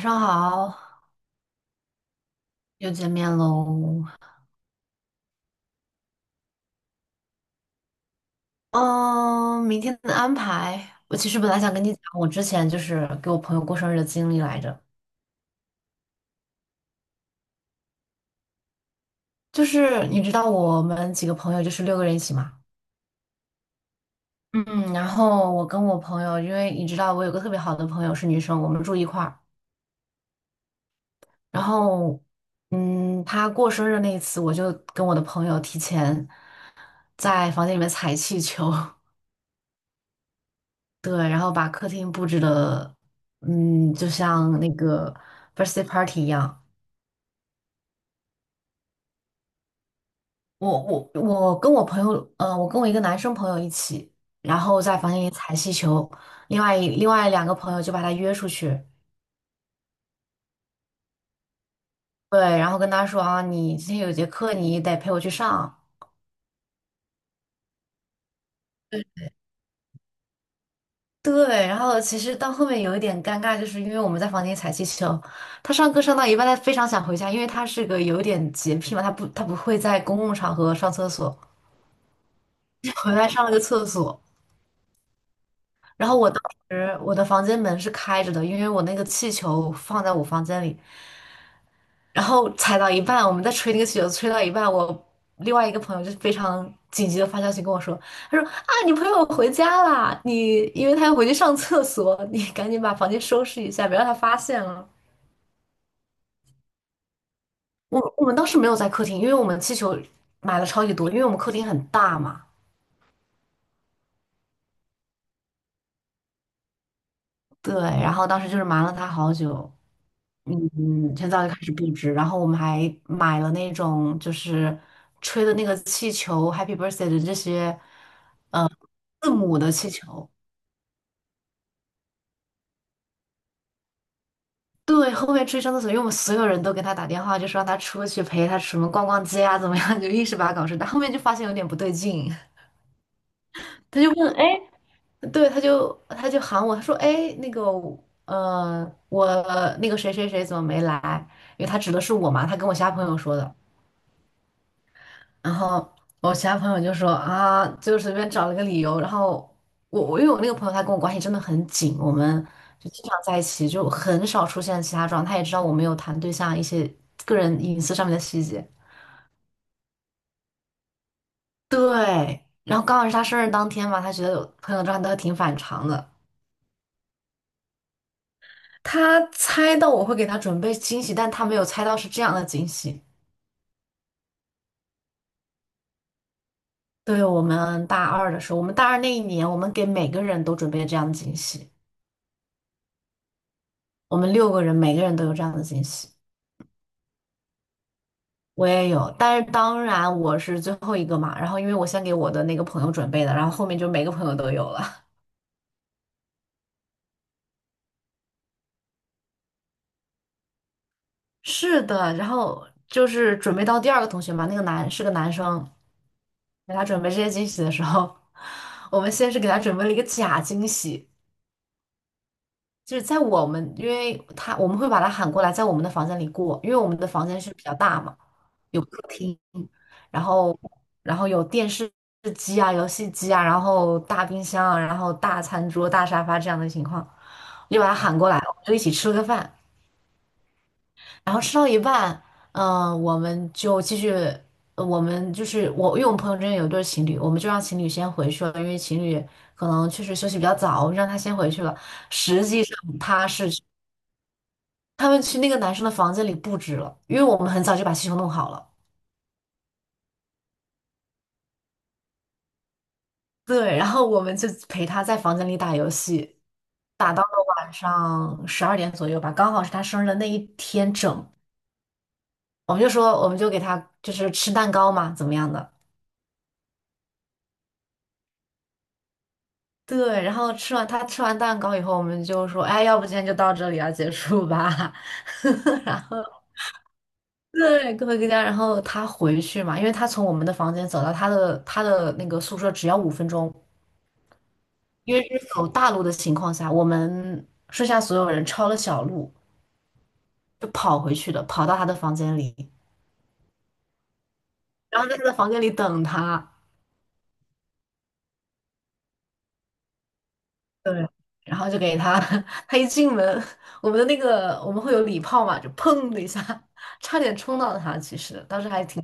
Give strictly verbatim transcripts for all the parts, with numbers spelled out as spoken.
晚上好，又见面喽。嗯，明天的安排，我其实本来想跟你讲，我之前就是给我朋友过生日的经历来着。就是你知道我们几个朋友就是六个人一起嘛，嗯，然后我跟我朋友，因为你知道我有个特别好的朋友是女生，我们住一块儿。然后，嗯，她过生日那一次，我就跟我的朋友提前在房间里面踩气球。对，然后把客厅布置的，嗯，就像那个 birthday party 一样。我我我跟我朋友，呃，我跟我一个男生朋友一起，然后在房间里踩气球，另外一另外两个朋友就把他约出去，对，然后跟他说啊，你今天有节课，你得陪我去上。对，然后其实到后面有一点尴尬，就是因为我们在房间里踩气球，他上课上到一半，他非常想回家，因为他是个有点洁癖嘛，他不他不会在公共场合上厕所，回来上了个厕所。然后我当时我的房间门是开着的，因为我那个气球放在我房间里，然后踩到一半，我们在吹那个气球，吹到一半，我另外一个朋友就非常紧急的发消息跟我说，他说啊，你朋友回家啦，你因为他要回去上厕所，你赶紧把房间收拾一下，别让他发现了。我我们当时没有在客厅，因为我们气球买了超级多，因为我们客厅很大嘛。对，然后当时就是瞒了他好久，嗯，陈早就开始布置，然后我们还买了那种就是吹的那个气球，Happy Birthday 的这些字母的气球。对，后面出去上厕所，因为我们所有人都给他打电话，就说让他出去陪他什么逛逛街啊，怎么样，就一直把他搞事。但后面就发现有点不对劲，他就问，哎，对，他就他就喊我，他说，哎，那个，呃，我那个谁谁谁怎么没来？因为他指的是我嘛，他跟我其他朋友说的。然后我其他朋友就说啊，就随便找了个理由。然后我我因为我那个朋友他跟我关系真的很紧，我们就经常在一起，就很少出现其他状态。他也知道我没有谈对象一些个人隐私上面的细节。对，然后刚好是他生日当天嘛，他觉得有朋友状态都挺反常的。他猜到我会给他准备惊喜，但他没有猜到是这样的惊喜。对，我们大二的时候，我们大二那一年，我们给每个人都准备了这样的惊喜，我们六个人每个人都有这样的惊喜。我也有，但是当然我是最后一个嘛。然后因为我先给我的那个朋友准备的，然后后面就每个朋友都有了。是的，然后就是准备到第二个同学嘛，那个男是个男生，给他准备这些惊喜的时候，我们先是给他准备了一个假惊喜。就是在我们，因为他我们会把他喊过来，在我们的房间里过，因为我们的房间是比较大嘛，有客厅，然后然后有电视机啊、游戏机啊，然后大冰箱啊，然后大餐桌、大沙发这样的情况，我就把他喊过来，我们就一起吃了个饭，然后吃到一半，嗯、我们就继续，呃我们就是我，因为我们朋友之间有一对情侣，我们就让情侣先回去了，因为情侣可能确实休息比较早，我们让他先回去了。实际上他是。他们去那个男生的房间里布置了，因为我们很早就把气球弄好了。对，然后我们就陪他在房间里打游戏，晚上十二点左右吧，刚好是他生日的那一天整。我们就说，我们就给他就是吃蛋糕嘛，怎么样的？对，然后吃完他吃完蛋糕以后，我们就说，哎，要不今天就到这里啊，结束吧。对，各回各家。然后他回去嘛，因为他从我们的房间走到他的他的那个宿舍只要五分钟，因为是走大路的情况下，我们剩下所有人抄了小路，就跑回去的，跑到他的房间里，然后在他的房间里等他。对，然后就给他，他一进门，我们的那个我们会有礼炮嘛，就砰的一下，差点冲到他。其实当时还挺，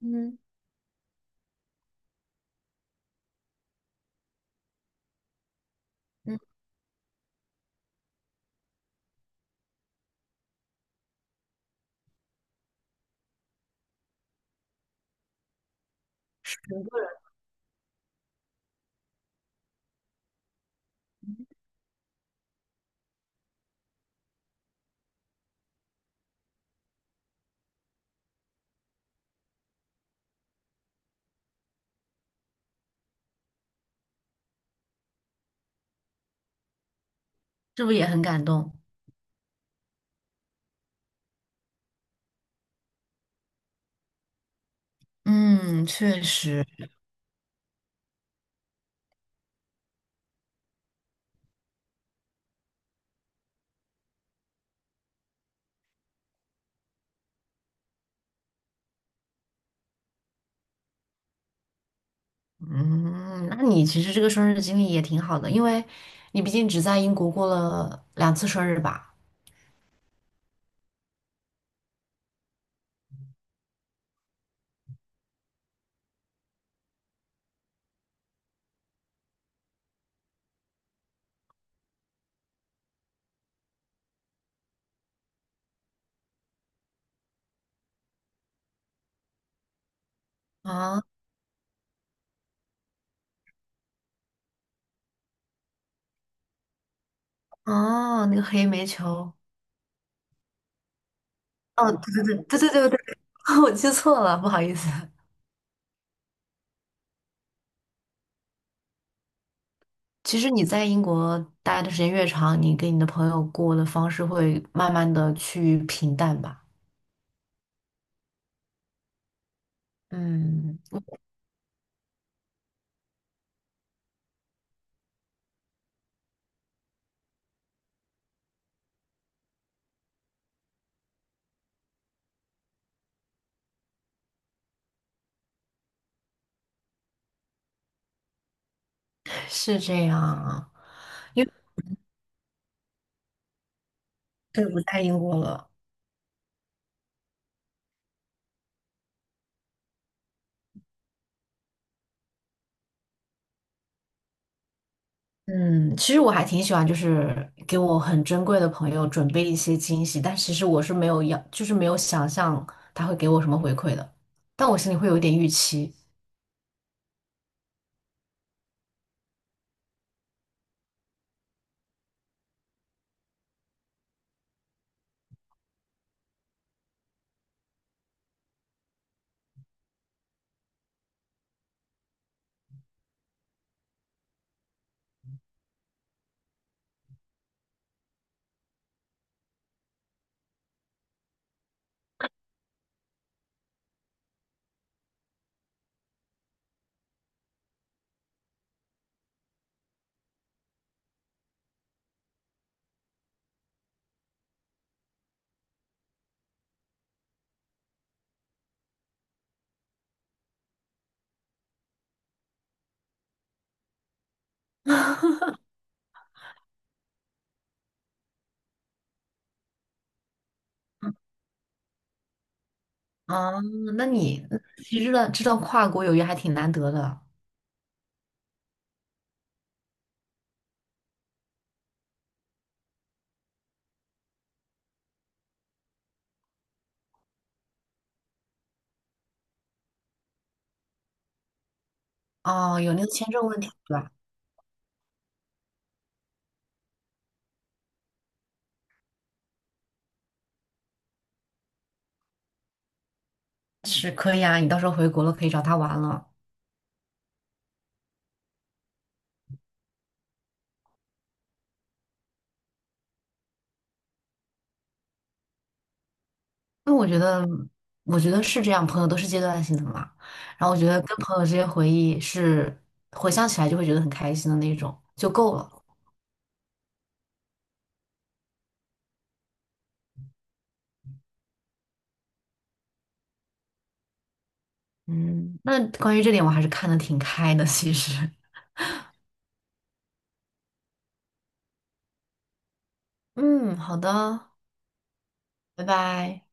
嗯嗯，整多人是不是也很感动？嗯，确实，嗯，那你其实这个生日经历也挺好的，因为你毕竟只在英国过了两次生日吧？啊。哦，那个黑煤球，哦，对对对对对对对对，我记错了，不好意思。其实你在英国待的时间越长，你跟你的朋友过的方式会慢慢的去平淡吧。嗯，是这样啊，因为对不在英国了。嗯，其实我还挺喜欢，就是给我很珍贵的朋友准备一些惊喜，但其实我是没有要，就是没有想象他会给我什么回馈的，但我心里会有一点预期。啊，那你其实呢，道知道跨国友谊还挺难得的哦，有那个签证问题对吧？是可以啊，你到时候回国了可以找他玩了。那我觉得，我觉得是这样，朋友都是阶段性的嘛。然后我觉得跟朋友之间回忆是回想起来就会觉得很开心的那种，就够了。嗯，那关于这点我还是看得挺开的，其实。嗯，好的，拜拜。